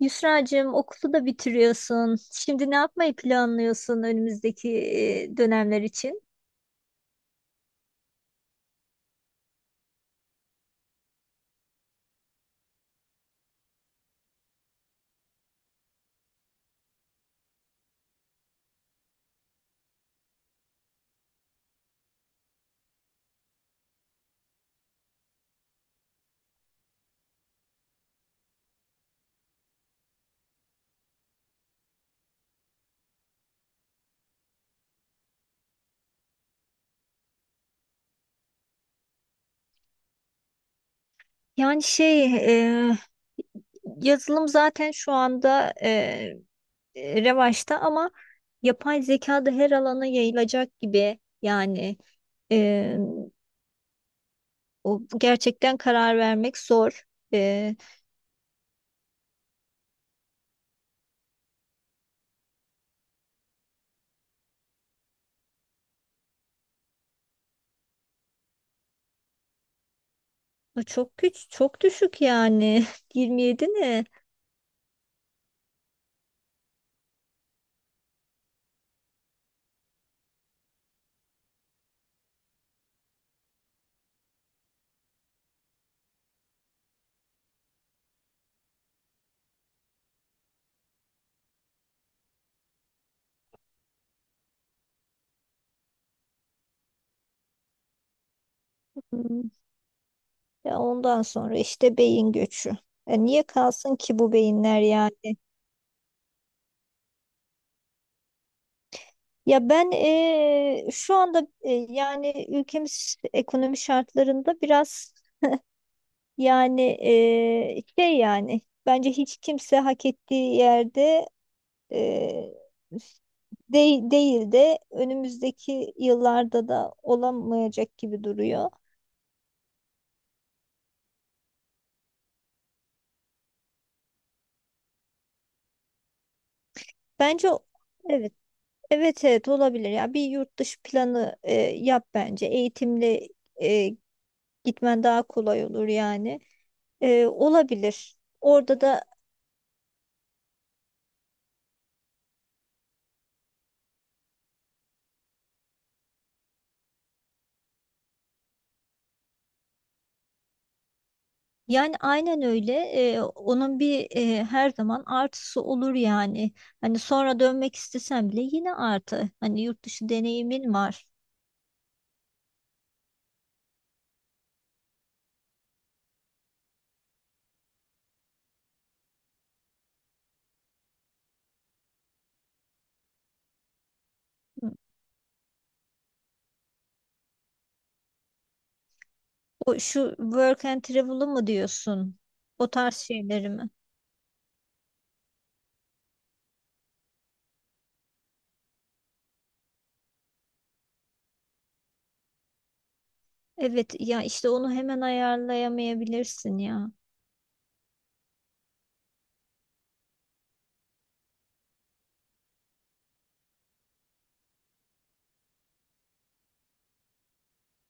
Yusra'cığım, okulu da bitiriyorsun. Şimdi ne yapmayı planlıyorsun önümüzdeki dönemler için? Yani e, yazılım zaten şu anda revaçta ama yapay zeka da her alana yayılacak gibi. Yani e, o gerçekten karar vermek zor. E, O çok güç, çok düşük yani. 27 ne? Hmm. Ya ondan sonra işte beyin göçü. Niye kalsın ki bu beyinler yani? Ya ben şu anda yani ülkemiz ekonomi şartlarında biraz yani şey yani bence hiç kimse hak ettiği yerde eee, değil, değil de önümüzdeki yıllarda da olamayacak gibi duruyor. Bence o- evet, evet olabilir ya, bir yurt dışı planı yap bence, eğitimle e, gitmen daha kolay olur yani. Olabilir. Orada da yani aynen öyle. Onun bir her zaman artısı olur yani. Hani sonra dönmek istesem bile yine artı. Hani yurt dışı deneyimin var. O şu work and travel'ı mı diyorsun? O tarz şeyleri mi? Evet ya, işte onu hemen ayarlayamayabilirsin ya.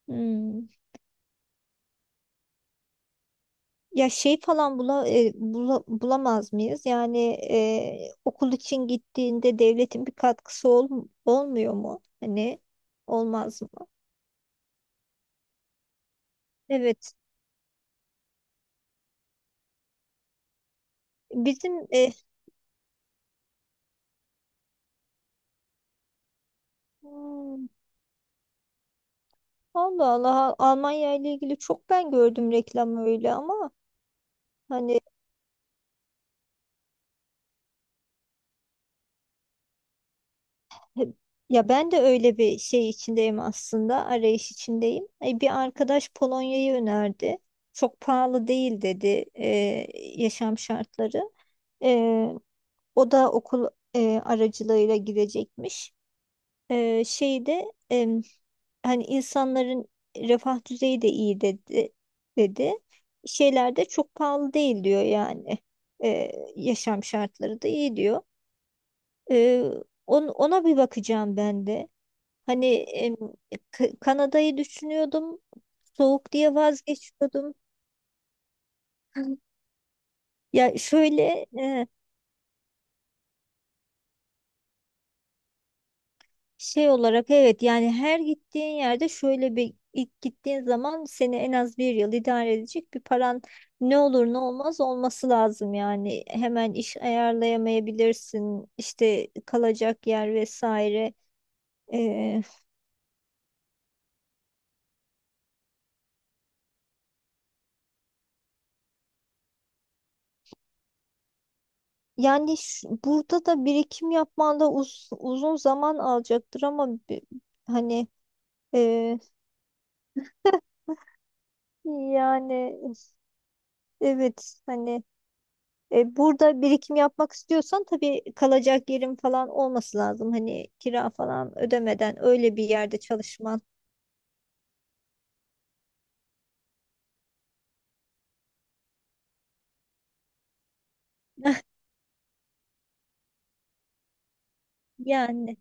Hmm. Ya şey falan bula, e, bula- bulamaz mıyız? Yani okul için gittiğinde devletin bir katkısı olmuyor mu? Hani olmaz mı? Evet. Bizim hmm, Allah Allah, Almanya ile ilgili çok ben gördüm reklam öyle ama hani he- ya ben de öyle bir şey içindeyim, aslında arayış içindeyim. Bir arkadaş Polonya'yı önerdi. Çok pahalı değil dedi e, yaşam şartları. E, O da okul aracılığıyla gidecekmiş. Ee, şeyde em, hani insanların refah düzeyi de iyi dedi. Şeyler de çok pahalı değil diyor yani. Yaşam şartları da iyi diyor. Ee, Ona bir bakacağım ben de. Hani em, Kanada'yı düşünüyordum. Soğuk diye vazgeçiyordum. Ya şöyle şey olarak, evet yani her gittiğin yerde şöyle bir, ilk gittiğin zaman seni en az bir yıl idare edecek bir paran ne olur ne olmaz olması lazım yani, hemen iş ayarlayamayabilirsin, işte kalacak yer vesaire. Ee, Yani burada da birikim yapman da uzun zaman alacaktır ama hani e, yani evet hani burada birikim yapmak istiyorsan tabii kalacak yerin falan olması lazım. Hani kira falan ödemeden öyle bir yerde çalışman. Yani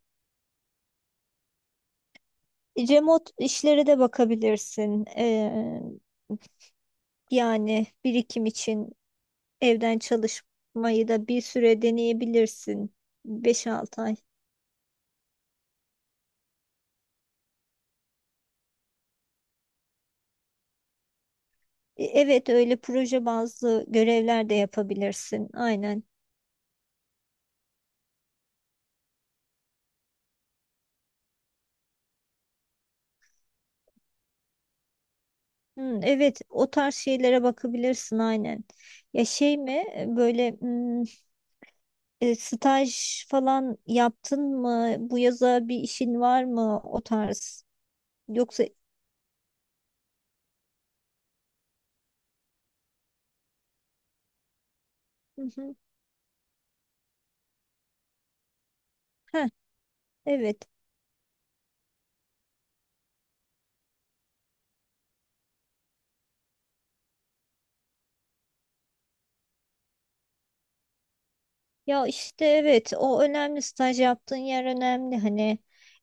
remote işlere de bakabilirsin. Yani birikim için evden çalışmayı da bir süre deneyebilirsin. Beş altı ay. Evet, öyle proje bazlı görevler de yapabilirsin. Aynen. Hmm, evet, o tarz şeylere bakabilirsin aynen. Ya böyle hmm, staj falan yaptın mı? Bu yaza bir işin var mı, o tarz? Yoksa hı hı. Heh, evet. Ya işte evet, o önemli, staj yaptığın yer önemli hani.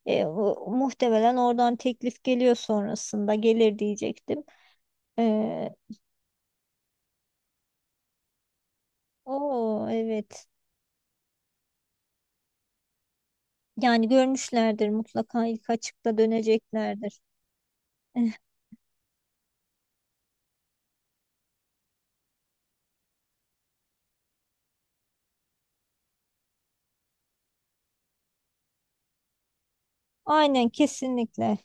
Muhtemelen oradan teklif geliyor, sonrasında gelir diyecektim. E, O evet. Yani görmüşlerdir mutlaka, ilk açıkta döneceklerdir. Aynen, kesinlikle.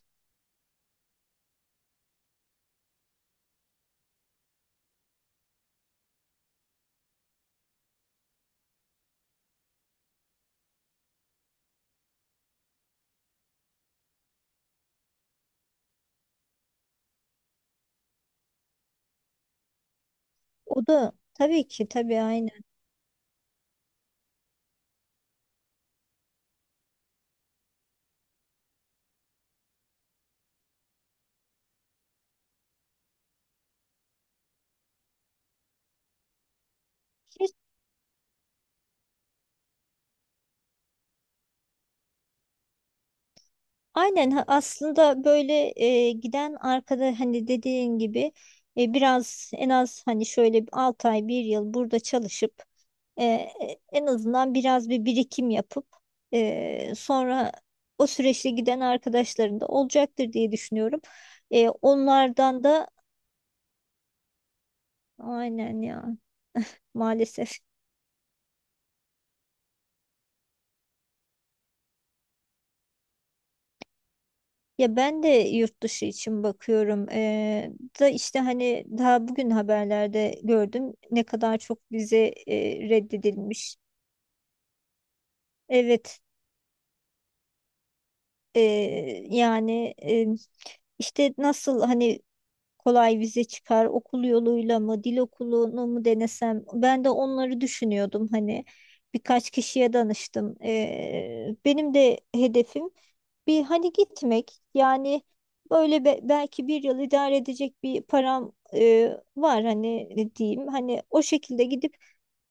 O da tabii ki, tabii aynen. Aynen Aslında böyle giden arkada, hani dediğin gibi biraz en az hani şöyle 6 ay bir yıl burada çalışıp e, e, en azından biraz bir birikim yapıp sonra o süreçte giden arkadaşların da olacaktır diye düşünüyorum. Onlardan da aynen ya, maalesef. Ya ben de yurt dışı için bakıyorum. Da işte hani daha bugün haberlerde gördüm ne kadar çok vize reddedilmiş. Evet, e, yani işte nasıl hani kolay vize çıkar, okul yoluyla mı, dil okulunu mu denesem, ben de onları düşünüyordum hani. Birkaç kişiye danıştım. Benim de hedefim bir hani gitmek yani, böyle belki bir yıl idare edecek bir param var, hani ne diyeyim, hani o şekilde gidip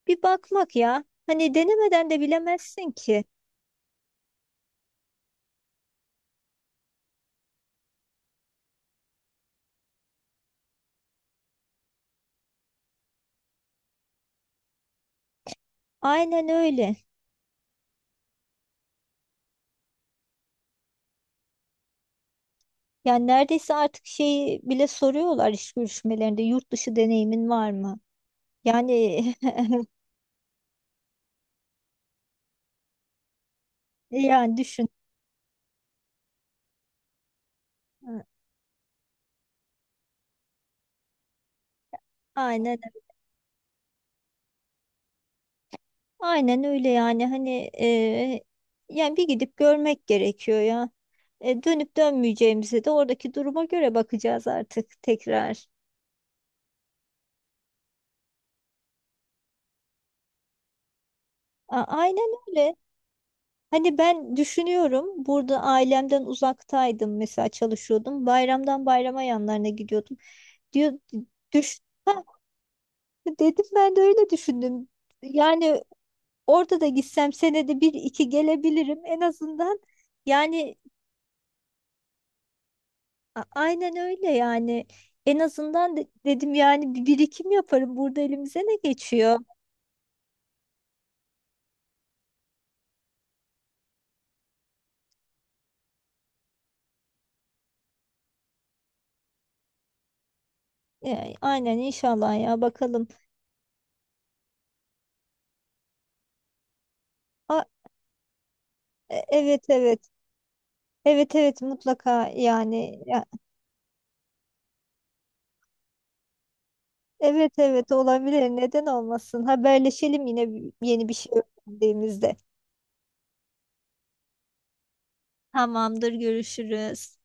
bir bakmak. Ya hani, denemeden de bilemezsin ki. Aynen öyle yani. Neredeyse artık şeyi bile soruyorlar iş görüşmelerinde, yurt dışı deneyimin var mı yani. Yani düşün, aynen, aynen öyle yani. Hani yani bir gidip görmek gerekiyor ya. Dönüp dönmeyeceğimize de oradaki duruma göre bakacağız artık tekrar. Aynen öyle. Hani ben düşünüyorum, burada ailemden uzaktaydım mesela, çalışıyordum. Bayramdan bayrama yanlarına gidiyordum. Diyor, düş Ha, dedim ben de öyle düşündüm. Yani orada da gitsem senede bir iki gelebilirim en azından. Yani aynen öyle yani. En azından dedim yani bir birikim yaparım. Burada elimize ne geçiyor? Aynen inşallah, ya bakalım. A, evet evet. Evet evet, mutlaka yani. Ya, evet evet, olabilir. Neden olmasın? Haberleşelim yine yeni bir şey öğrendiğimizde. Tamamdır, görüşürüz.